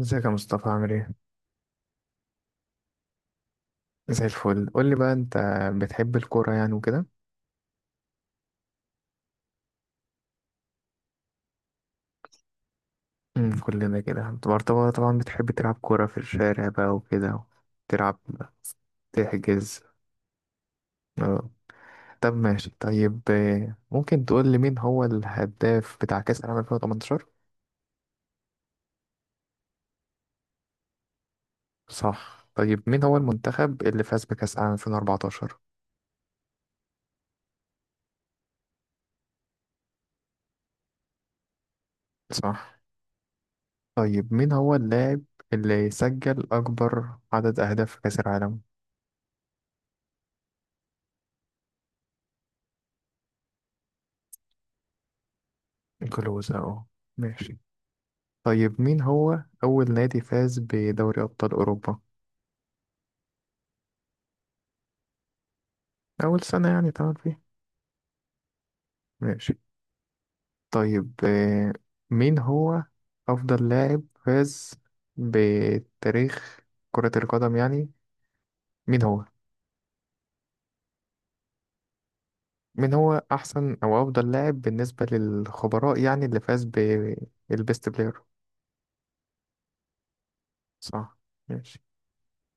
ازيك يا مصطفى، عامل ايه؟ زي الفل. قول لي بقى، انت بتحب الكورة يعني وكده؟ كلنا كده. انت برضه طبعا بتحب تلعب كورة في الشارع بقى وكده. تلعب، تحجز. اه. طب ماشي. طيب ممكن تقول لي مين هو الهداف بتاع كأس العالم 2018؟ صح. طيب مين هو المنتخب اللي فاز بكأس العالم 2014؟ صح. طيب مين هو اللاعب اللي سجل أكبر عدد أهداف في كأس العالم؟ كلوز اهو. ماشي. طيب مين هو أول نادي فاز بدوري أبطال أوروبا؟ أول سنة يعني اتعمل فيها. ماشي. طيب مين هو أفضل لاعب فاز بتاريخ كرة القدم يعني، مين هو؟ مين هو أحسن أو أفضل لاعب بالنسبة للخبراء يعني، اللي فاز بالبيست بلاير؟ صح. ماشي.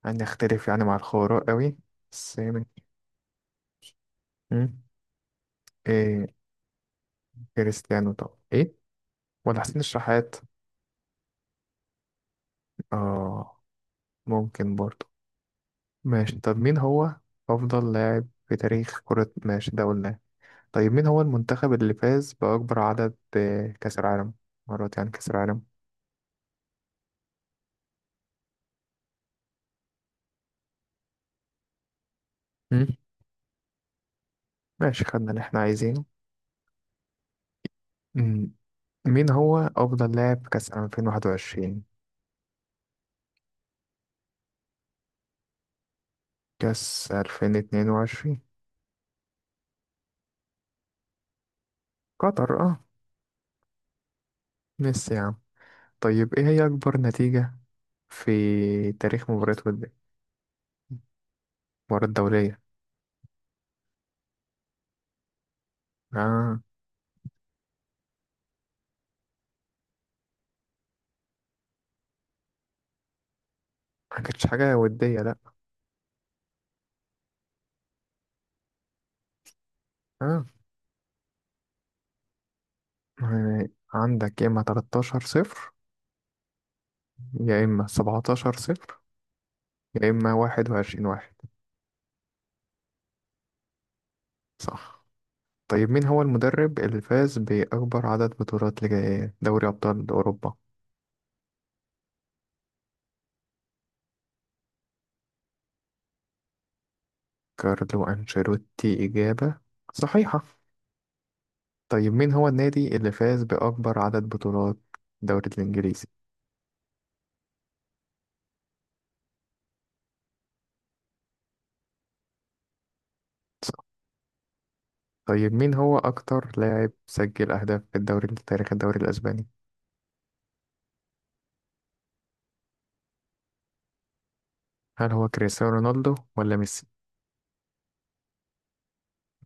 هنختلف يعني مع الخبراء قوي، بس ماشي. مم. إيه كريستيانو؟ طب إيه، ولا حسين الشحات؟ آه، ممكن برضه. ماشي. طب مين هو أفضل لاعب في تاريخ كرة، ماشي ده قلناه. طيب مين هو المنتخب اللي فاز بأكبر عدد كأس العالم، مرات يعني كأس العالم؟ مم. ماشي، خدنا اللي احنا عايزينه. مم. مين هو أفضل لاعب كأس 2021، كأس 2022؟ قطر، اه. ميسي يا عم. طيب ايه هي أكبر نتيجة في تاريخ مباريات ودية؟ مباراة دولية. اه. ما كانتش حاجة ودية، لأ. اه. يعني عندك، يا إما 13 صفر، يا إما 17 صفر، يا إما 21 واحد. صح. طيب مين هو المدرب اللي فاز بأكبر عدد بطولات لدوري أبطال أوروبا؟ كارلو أنشيلوتي، إجابة صحيحة. طيب مين هو النادي اللي فاز بأكبر عدد بطولات الدوري الإنجليزي؟ صح. طيب مين هو أكتر لاعب سجل أهداف في الدوري في تاريخ الدوري الأسباني؟ هل هو كريستيانو رونالدو ولا ميسي؟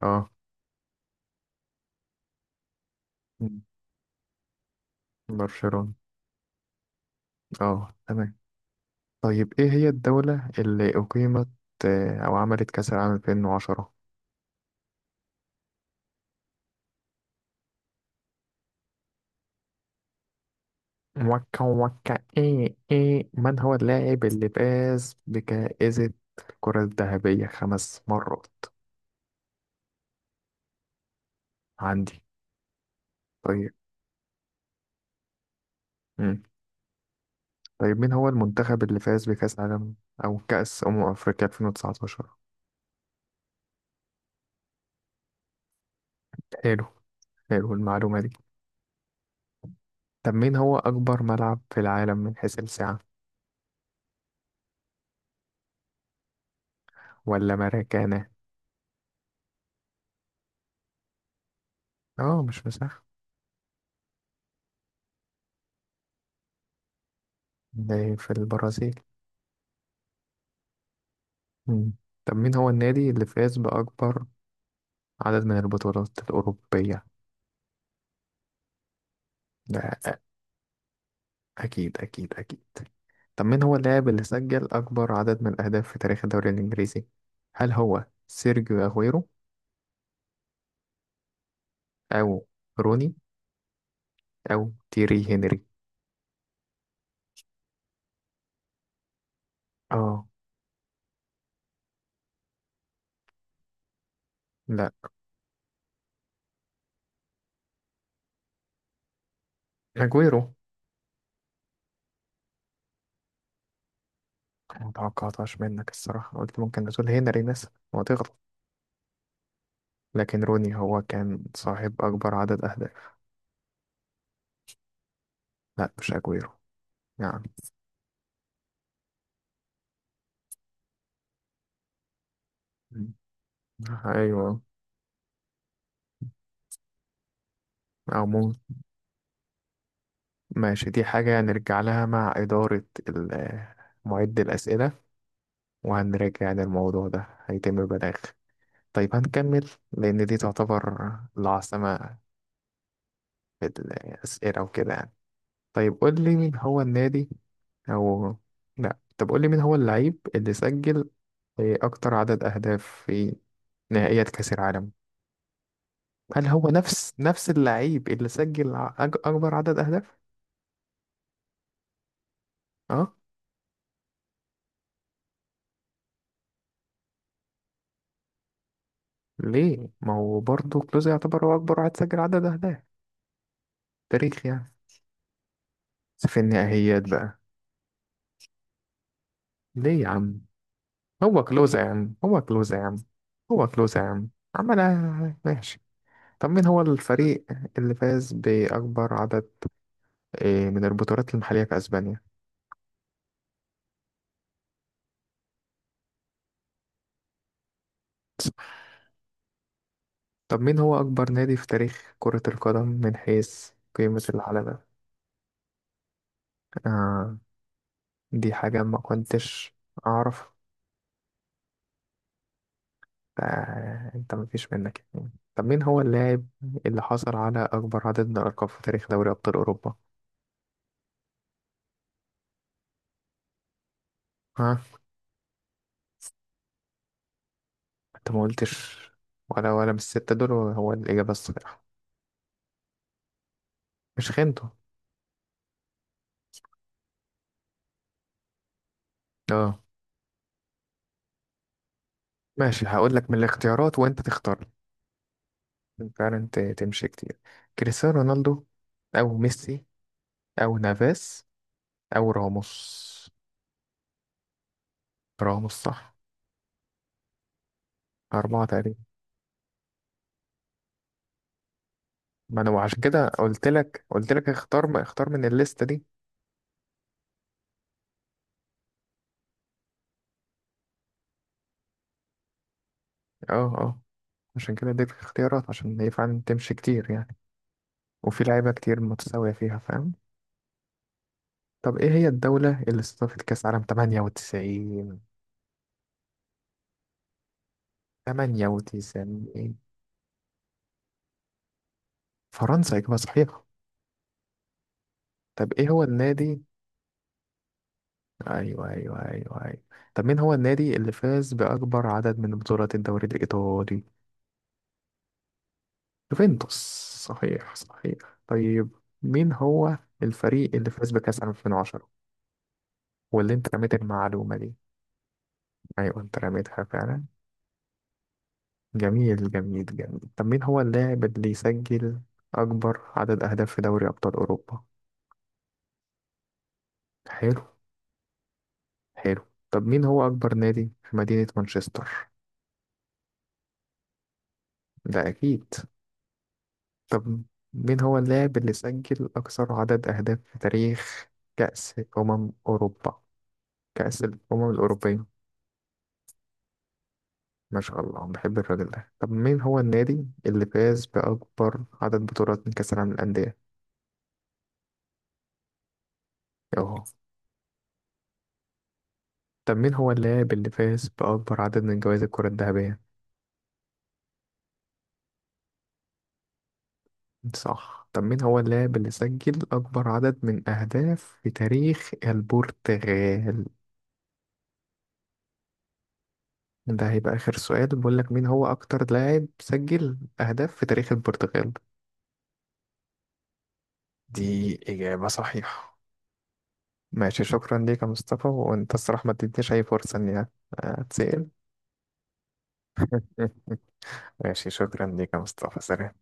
اه. مم. برشلونة، اه تمام. طيب إيه هي الدولة اللي أقيمت أو عملت كأس العالم 2010؟ موكا موكا، إيه إيه، من هو اللاعب اللي فاز بجائزة الكرة الذهبية 5 مرات؟ عندي. طيب. مم. طيب مين هو المنتخب اللي فاز بكأس عالم أو كأس أمم أفريقيا 2019؟ حلو. حلو المعلومة دي. طب مين هو أكبر ملعب في العالم من حيث السعة؟ ولا مراكانا؟ آه مش مساحة. ده في البرازيل. مم. طب مين هو النادي اللي فاز بأكبر عدد من البطولات الأوروبية؟ ده أ- أكيد أكيد أكيد. طب مين هو اللاعب اللي سجل أكبر عدد من الأهداف في تاريخ الدوري الإنجليزي؟ هل هو سيرجيو أغويرو أو روني أو تيري هنري؟ آه، لا أجويرو. ما توقعتهاش منك الصراحة، قلت ممكن تقول هنري مثلا وتغلط، لكن روني هو كان صاحب أكبر عدد أهداف. لا مش أجويرو يعني. مم. أيوه. أو ممكن. ماشي، دي حاجة هنرجع لها مع إدارة معد الأسئلة، وهنراجع يعني الموضوع ده، هيتم بلاغ. طيب هنكمل لأن دي تعتبر العاصمة في الأسئلة وكده يعني. طيب قول لي، مين هو النادي؟ أو لأ، طب قول لي مين هو اللعيب اللي سجل أكتر عدد أهداف في نهائيات كأس العالم؟ هل هو نفس اللعيب اللي سجل أكبر عدد أهداف؟ أه. ليه؟ ما هو برضه كلوز يعتبر هو أكبر واحد سجل عدد أهداف تاريخ يعني، في النهائيات بقى. ليه يا عم؟ هو كلوزة يا عم، هو كلوزة يا عم، هو كلوزة يا عم، عملها. ماشي. طب مين هو الفريق اللي فاز بأكبر عدد من البطولات المحلية في أسبانيا؟ طب مين هو أكبر نادي في تاريخ كرة القدم من حيث قيمة العلبة؟ آه، دي حاجة ما كنتش أعرف. فأنت مفيش منك يعني. طب مين هو اللاعب اللي حصل على أكبر عدد من الألقاب في تاريخ دوري أبطال أوروبا؟ ها. انت ما قلتش، ولا من الستة دول هو الإجابة الصحيحة. مش خنته. اه ماشي، هقول لك من الاختيارات وانت تختار لي. عشان فعلا تمشي كتير. كريستيانو رونالدو، او ميسي، او نافاس، او راموس. راموس صح. أربعة تقريبا. ما انا عشان كده قلت لك اختار اختار من الليستة دي. اه اه. عشان كده اديتك اختيارات عشان هي فعلا تمشي كتير يعني. وفي لعيبة كتير متساوية فيها فاهم. طب ايه هي الدولة اللي استضافت كأس عالم 98؟ تمانية وتسعين. فرنسا إجابة صحيحة. طب إيه هو النادي؟ أيوه أيوه أيوه أيوه. طب مين هو النادي اللي فاز بأكبر عدد من بطولات الدوري الإيطالي؟ يوفنتوس. صحيح صحيح. طيب مين هو الفريق اللي فاز بكأس 2010 واللي أنت رميت المعلومة دي؟ أيوه أنت رميتها فعلا. جميل جميل جميل. طب مين هو اللاعب اللي يسجل أكبر عدد أهداف في دوري أبطال أوروبا؟ حلو حلو. طب مين هو أكبر نادي في مدينة مانشستر؟ ده أكيد. طب مين هو اللاعب اللي سجل أكثر عدد أهداف في تاريخ كأس أمم أوروبا، كأس الأمم الأوروبية؟ ما شاء الله، بحب الراجل ده. طب مين هو النادي اللي فاز بأكبر عدد بطولات من كأس العالم للأندية؟ أهو. طب مين هو اللاعب اللي فاز بأكبر عدد من جوائز الكرة الذهبية؟ صح. طب مين هو اللاعب اللي سجل أكبر عدد من أهداف في تاريخ البرتغال؟ ده هيبقى آخر سؤال، بقول لك مين هو أكتر لاعب سجل أهداف في تاريخ البرتغال؟ دي إجابة صحيحة. ماشي، شكرا ليك يا مصطفى. وأنت الصراحة ما اديتنيش أي فرصة إني أتسأل. ماشي، شكرا ليك يا مصطفى. سلام.